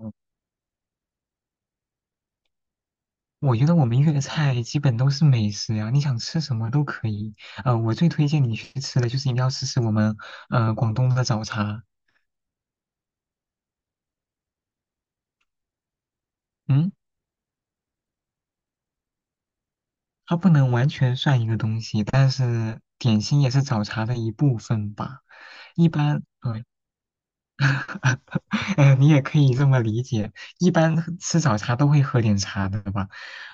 嗯我觉得我们粤菜基本都是美食呀，你想吃什么都可以。我最推荐你去吃的就是一定要试试我们广东的早茶。嗯，它不能完全算一个东西，但是点心也是早茶的一部分吧。一般，嗯，你也可以这么理解。一般喝吃早茶都会喝点茶的吧，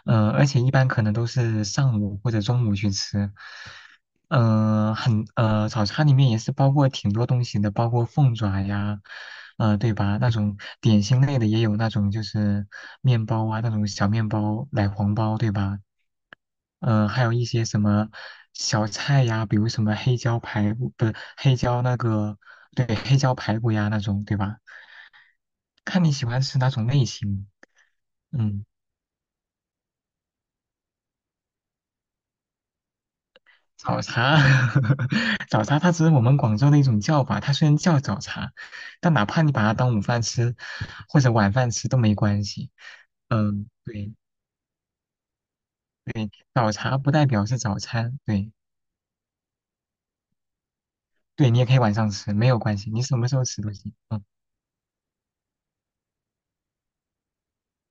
而且一般可能都是上午或者中午去吃。嗯，很早餐里面也是包括挺多东西的，包括凤爪呀，呃，对吧？那种点心类的也有那种就是面包啊，那种小面包、奶黄包，对吧？还有一些什么小菜呀，比如什么黑椒排骨，不是黑椒那个，对，黑椒排骨呀那种，对吧？看你喜欢吃哪种类型。嗯。早茶，早茶它只是我们广州的一种叫法，它虽然叫早茶，但哪怕你把它当午饭吃或者晚饭吃都没关系。嗯，对对，早茶不代表是早餐，对。对，你也可以晚上吃，没有关系，你什么时候吃都行。嗯，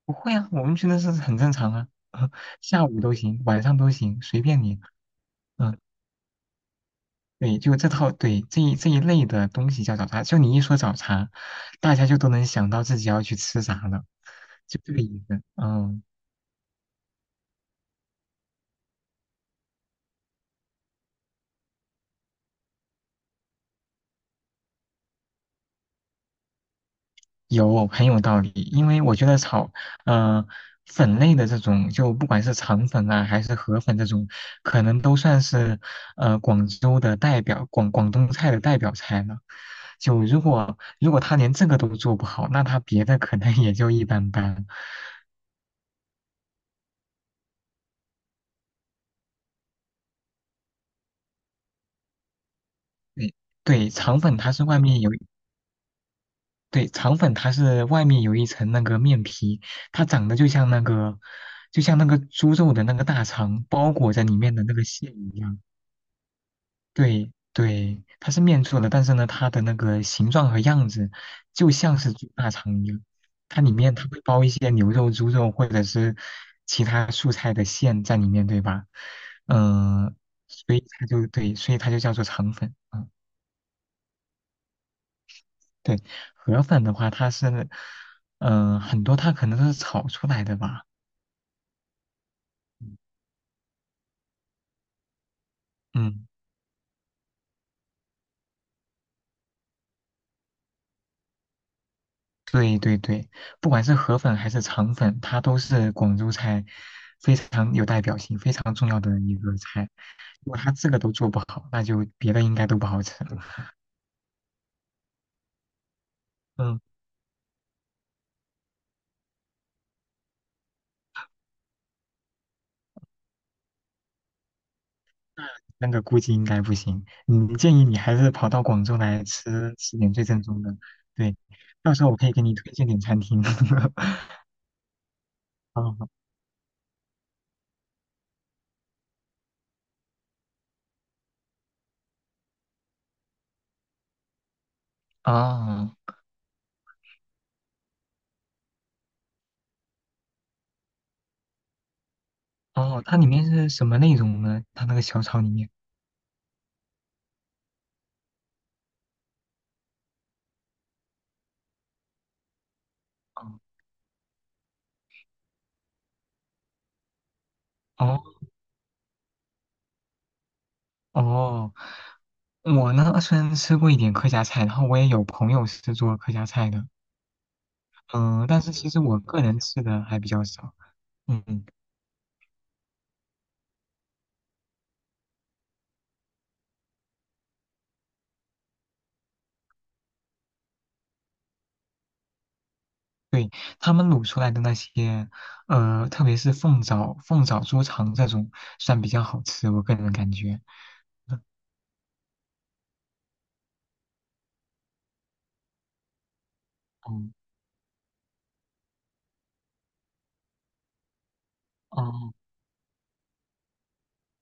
不会啊，我们觉得是很正常啊，下午都行，晚上都行，随便你。嗯。对，就这套，对，这一类的东西叫早茶。就你一说早茶，大家就都能想到自己要去吃啥了，就这个意思。嗯，有，很有道理。因为我觉得炒，嗯，粉类的这种，就不管是肠粉啊，还是河粉这种，可能都算是广州的代表，广东菜的代表菜了。就如果他连这个都做不好，那他别的可能 也就一般般。对对，肠粉它是外面有。对，肠粉它是外面有一层那个面皮，它长得就像那个，就像那个猪肉的那个大肠包裹在里面的那个馅一样。对对，它是面做的，但是呢，它的那个形状和样子就像是猪大肠一样。它里面它会包一些牛肉、猪肉或者是其他素菜的馅在里面，对吧？嗯、所以它就对，所以它就叫做肠粉。嗯对，河粉的话，它是，嗯、很多它可能都是炒出来的吧。嗯，对对对，不管是河粉还是肠粉，它都是广州菜非常有代表性、非常重要的一个菜。如果它这个都做不好，那就别的应该都不好吃了。嗯，那那个估计应该不行。你建议你还是跑到广州来吃吃点最正宗的。对，到时候我可以给你推荐点餐厅。哦哦。哦，它里面是什么内容呢？它那个小炒里面。哦哦，哦，我呢虽然吃过一点客家菜，然后我也有朋友是做客家菜的，嗯、但是其实我个人吃的还比较少。嗯，对，他们卤出来的那些，特别是凤爪、凤爪猪肠这种，算比较好吃，我个人感觉。嗯，哦，哦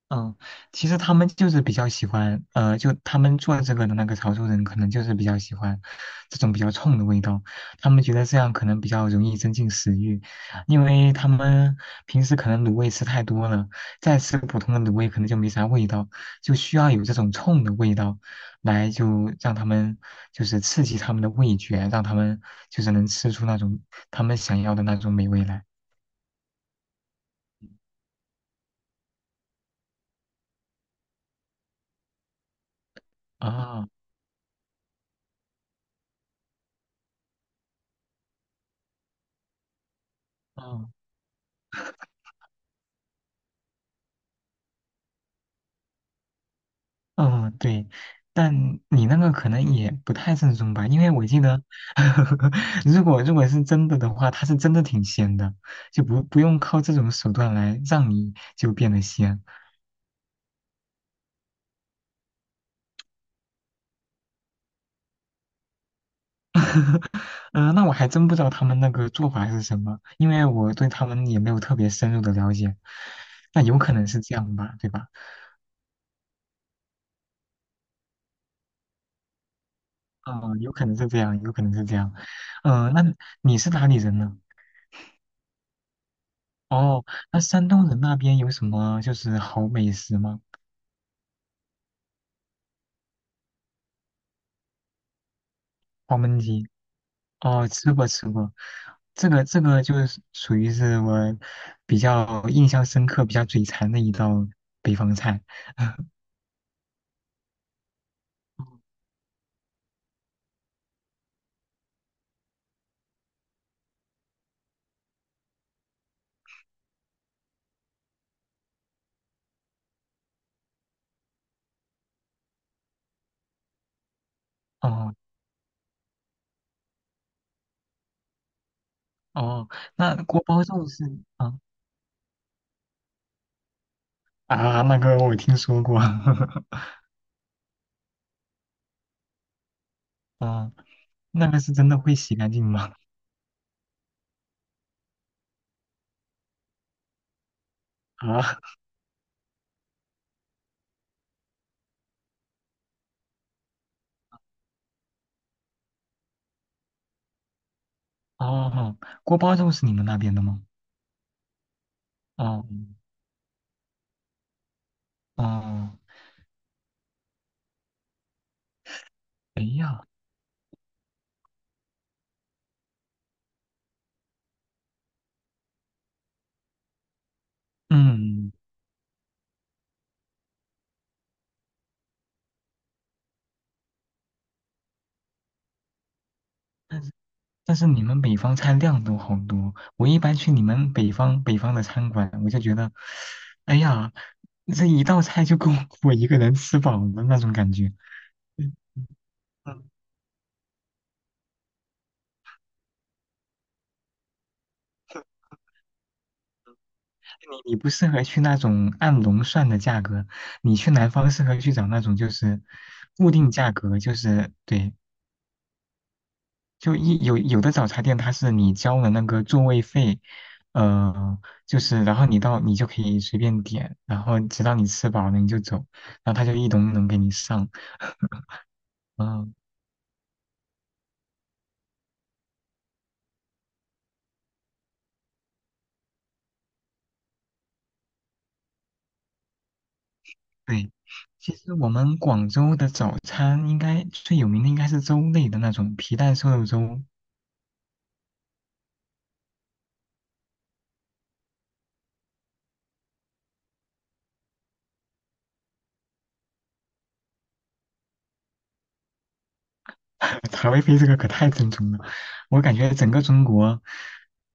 嗯，其实他们就是比较喜欢，就他们做这个的那个潮州人，可能就是比较喜欢这种比较冲的味道。他们觉得这样可能比较容易增进食欲，因为他们平时可能卤味吃太多了，再吃普通的卤味可能就没啥味道，就需要有这种冲的味道，来就让他们就是刺激他们的味觉，让他们就是能吃出那种他们想要的那种美味来。啊，哦嗯，对，但你那个可能也不太正宗吧，因为我记得，如果是真的的话，它是真的挺鲜的，就不用靠这种手段来让你就变得鲜。嗯那我还真不知道他们那个做法是什么，因为我对他们也没有特别深入的了解。那有可能是这样吧，对吧？嗯，有可能是这样，有可能是这样。嗯，那你是哪里人呢？哦，那山东人那边有什么就是好美食吗？黄焖鸡哦，吃过吃过，这个就是属于是我比较印象深刻、比较嘴馋的一道北方菜。哦哦，那锅包肉是啊啊，那个我听说过，啊，那个是真的会洗干净吗？啊哦，锅包肉是你们那边的吗？哦哦嗯。但是你们北方菜量都好多，我一般去你们北方的餐馆，我就觉得，哎呀，这一道菜就够我一个人吃饱的那种感觉。嗯，你不适合去那种按笼算的价格，你去南方适合去找那种就是固定价格，就是对就一有的早茶店，它是你交了那个座位费，呃，就是然后你到你就可以随便点，然后直到你吃饱了你就走，然后他就一笼一笼给你上。嗯，对，其实我们广州的早餐应该最有名的应该是粥类的那种皮蛋瘦肉粥，茶位费这个可太正宗了，我感觉整个中国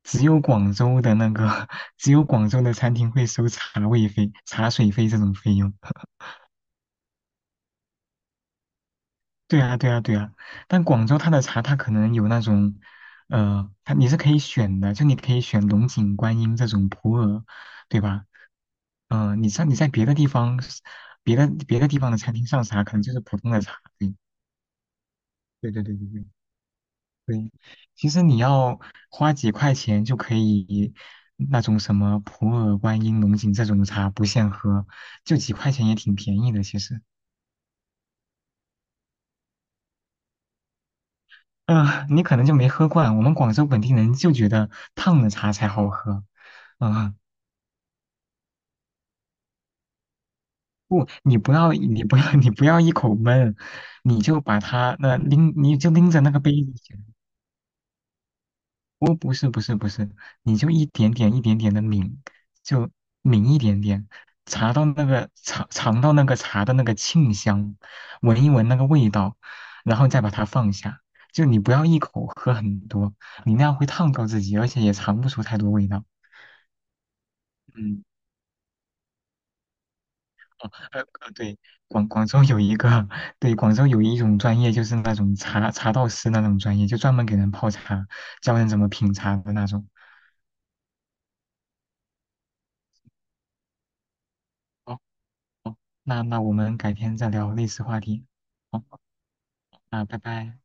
只有广州的那个 只有广州的餐厅会收茶位费、茶水费这种费用。对啊，对啊，对啊，但广州它的茶，它可能有那种，它你是可以选的，就你可以选龙井、观音这种普洱，对吧？嗯、你像你在别的地方，别的地方的餐厅上茶，可能就是普通的茶，对，对对对对对对。其实你要花几块钱就可以，那种什么普洱、观音、龙井这种茶不限喝，就几块钱也挺便宜的，其实。嗯、你可能就没喝惯，我们广州本地人就觉得烫的茶才好喝。啊、不，你不要，你不要，你不要一口闷，你就把它那拎，你就拎着那个杯子去。哦，不是，不是，不是，你就一点点、一点点的抿，就抿一点点，茶到那个尝到那个茶的那个沁香，闻一闻那个味道，然后再把它放下。就你不要一口喝很多，你那样会烫到自己，而且也尝不出太多味道。嗯。哦，呃，对，广州有一个，对，广州有一种专业，就是那种茶道师那种专业，就专门给人泡茶，教人怎么品茶的那种。哦哦，那那我们改天再聊类似话题。好，那拜拜。